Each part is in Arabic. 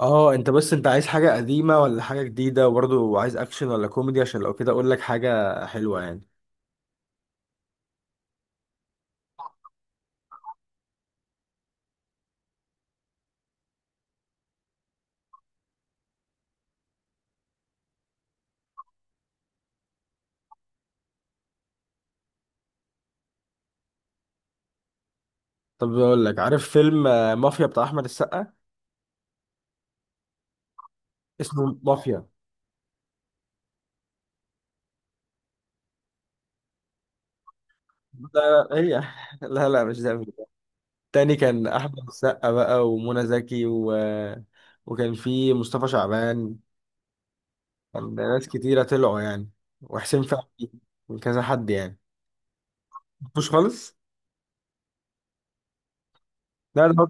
اه، انت عايز حاجة قديمة ولا حاجة جديدة، وبرضه عايز اكشن ولا كوميدي؟ عشان لو كده اقول لك حاجة حلوة يعني. طب اقول لك، عارف فيلم مافيا بتاع احمد السقا؟ اسمه مافيا. لا لا، هي لا لا مش ده. تاني، كان احمد السقا بقى ومنى زكي و... وكان في مصطفى شعبان. كان ناس كتيرة طلعوا يعني، وحسين فهمي وكذا حد يعني. مش خالص. لا لا.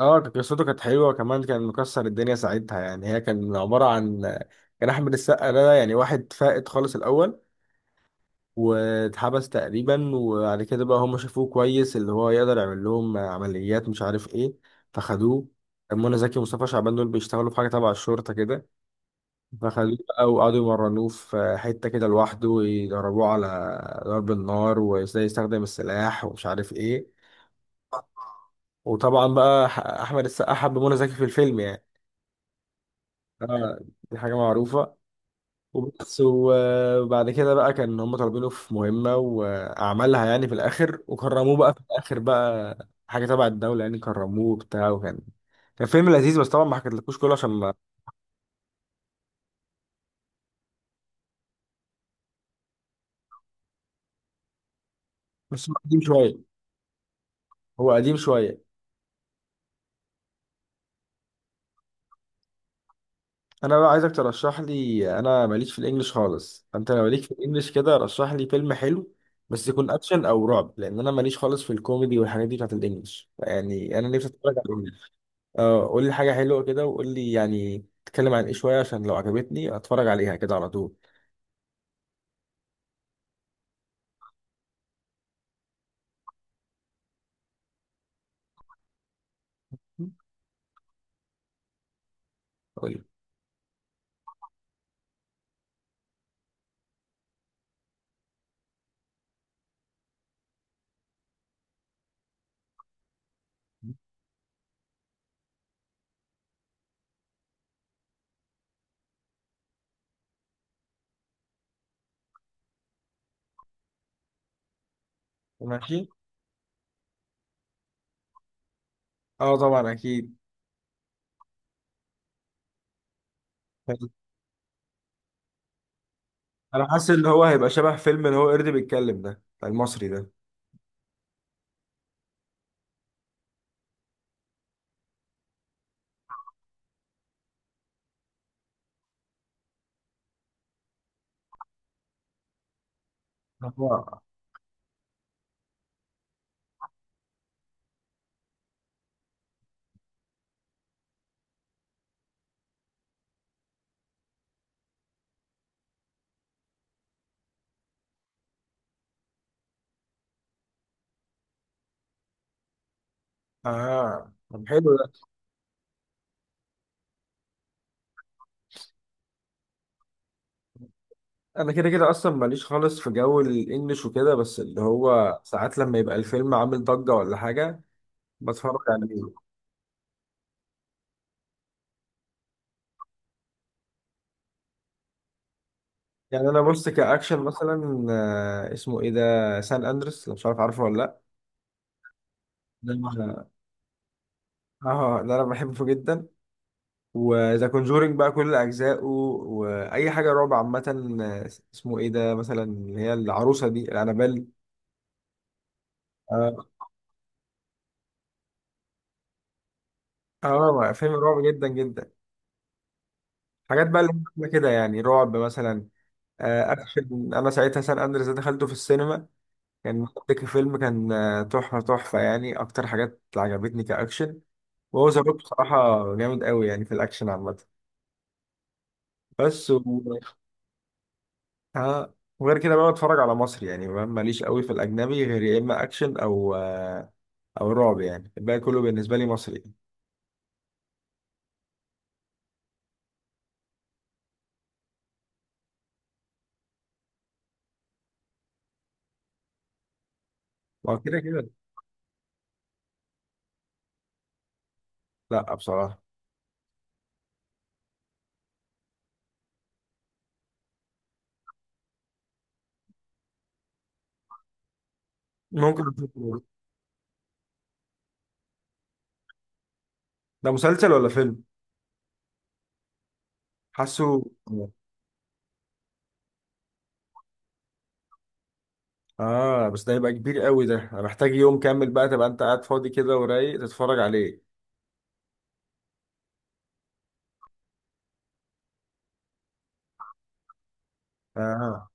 اه، قصته كانت حلوه، وكمان كان مكسر الدنيا ساعتها يعني. هي كان عباره عن، كان احمد السقا ده يعني واحد فائت خالص الاول، واتحبس تقريبا. وبعد كده بقى هم شافوه كويس، اللي هو يقدر يعمل لهم عمليات مش عارف ايه، فخدوه. منى زكي ومصطفى شعبان دول بيشتغلوا في حاجه تبع الشرطه كده، فخدوه بقى وقعدوا يمرنوه في حته كده لوحده، ويدربوه على ضرب النار وازاي يستخدم السلاح ومش عارف ايه. وطبعا بقى احمد السقا حب منى زكي في الفيلم يعني. اه، دي حاجة معروفة. وبس. وبعد كده بقى كان هم طالبينه في مهمة وأعملها يعني في الآخر، وكرموه بقى في الآخر بقى حاجة تبع الدولة يعني. كرموه وبتاع، وكان فيلم لذيذ. بس طبعا ما حكيتلكوش كله عشان ما... بس هو قديم شوية. هو قديم شوية. أنا بقى عايزك ترشح لي. أنا ماليش في الإنجليش خالص، فأنت لو ليك في الإنجليش كده رشح لي فيلم حلو، بس يكون أكشن أو رعب، لأن أنا ماليش خالص في الكوميدي والحاجات دي بتاعت الإنجليش يعني. أنا نفسي أتفرج على... اه، قول لي حاجة حلوة كده، وقول لي يعني تتكلم عن ايه شوية، عشان لو عجبتني اتفرج عليها كده على طول. قول لي. ماشي. اه طبعا اكيد. انا حاسس ان هو هيبقى شبه فيلم اللي هو قرد بيتكلم ده بتاع المصري ده. اه. طب حلو ده. انا كده كده اصلا ماليش خالص في جو الانجليش وكده، بس اللي هو ساعات لما يبقى الفيلم عامل ضجة ولا حاجة بتفرج عليه. يعني انا بص، كاكشن مثلا اسمه ايه ده، سان اندرس، لو مش عارف. عارفه ولا؟ لا، ده اه، ده انا بحبه جدا. وذا كونجورينج بقى كل اجزائه، واي حاجه رعب عامه. آه، اسمه ايه ده مثلا، اللي هي العروسه دي، الانابيل. اه. اه، فيلم رعب جدا جدا. حاجات بقى اللي كده يعني رعب مثلا. اكشن. انا ساعتها سان اندريس ده دخلته في السينما، كان مضحك. فيلم كان تحفه تحفه يعني. اكتر حاجات اللي عجبتني كاكشن، وهو ذا روك بصراحه جامد قوي يعني في الاكشن عامه بس. اه. وغير كده بقى بتفرج على مصري، يعني ماليش قوي في الاجنبي، غير يا اما اكشن او رعب يعني. الباقي كله بالنسبه لي مصري. ما هو كده كده. لا، بصراحه ممكن أشوفه. ده مسلسل ولا فيلم؟ حاسه. اه، بس ده يبقى كبير قوي ده، انا محتاج يوم كامل بقى، تبقى انت قاعد فاضي كده ورايق تتفرج عليه. اه،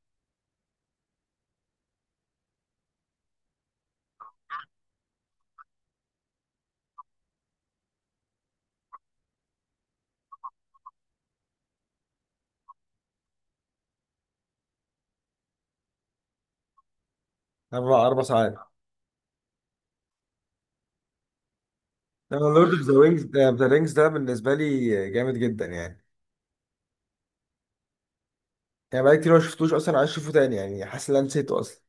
اربع ساعات. انا لورد اوف ذا رينجز ده بالنسبه لي جامد جدا يعني. يعني بقالي كتير ما شفتوش اصلا، عايز اشوفه تاني يعني، حاسس ان انا نسيته اصلا.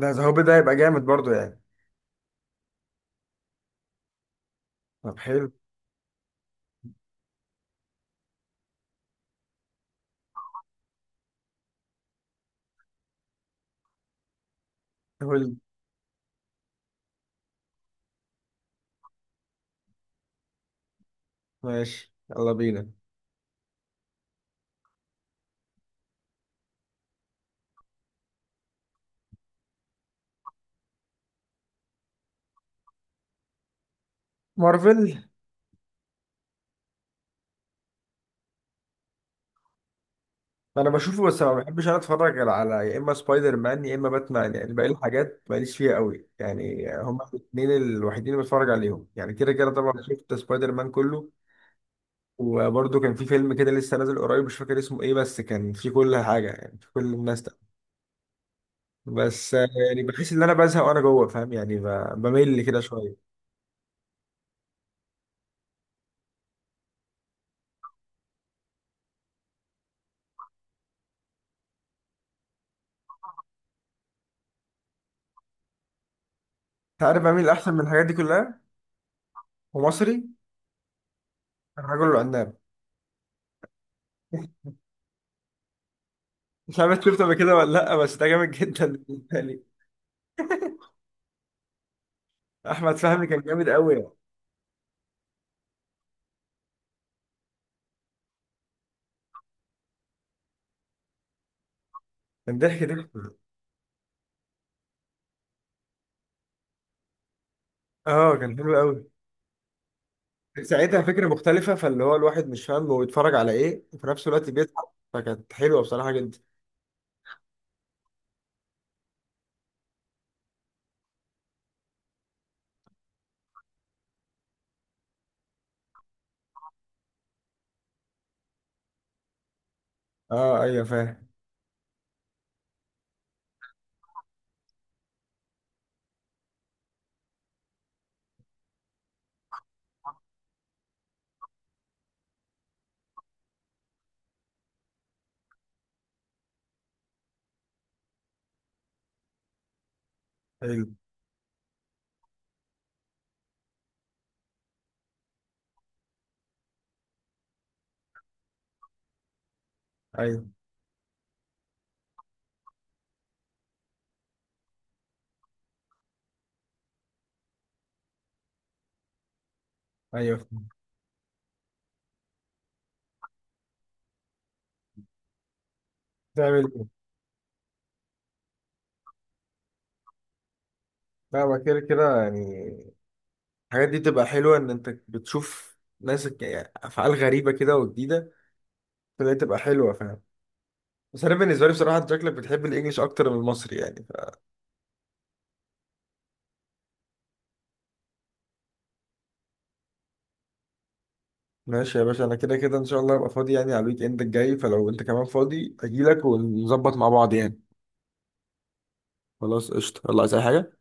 ده ذا هوبي ده هيبقى جامد برضه يعني. طب حلو. حلو. ماشي، يلا بينا. مارفل. انا بشوفه، بس ما بحبش انا اتفرج غير على يا اما سبايدر مان يا اما باتمان، يعني باقي الحاجات ماليش فيها قوي يعني. هما الاثنين الوحيدين اللي بتفرج عليهم يعني. كده كده طبعا شفت سبايدر مان كله. وبرده كان في فيلم كده لسه نازل قريب مش فاكر اسمه ايه، بس كان في كل حاجه يعني، في كل الناس ده. بس يعني بحس ان انا بزهق وانا جوه، فاهم يعني؟ بمل كده شويه. انت عارف بميل احسن من الحاجات دي كلها، ومصري. الرجل العناب. مش عارف شفته قبل كده ولا لا، بس ده جامد جدا بالنسبه لي. احمد فهمي كان جامد قوي يعني. كان ضحك ضحك. اه كان حلو قوي. ساعتها فكره مختلفه، فاللي هو الواحد مش فاهم هو بيتفرج على ايه، وفي نفس الوقت بيضحك، فكانت حلوه بصراحه جدا. اه ايوه فاهم. ايوه. ايوه ايوه فاهم. تعمل ايه؟ لا، ما كده كده يعني. الحاجات دي تبقى حلوه، ان انت بتشوف ناس يعني افعال غريبه كده وجديده، فدي تبقى حلوه فاهم. بس انا بالنسبه لي بصراحه انت شكلك بتحب الانجليش اكتر من المصري يعني. ماشي يا باشا، انا كده كده ان شاء الله هبقى فاضي يعني على الويك اند الجاي، فلو انت كمان فاضي اجيلك ونظبط مع بعض يعني. خلاص قشطة. يلا، عايز اي حاجة؟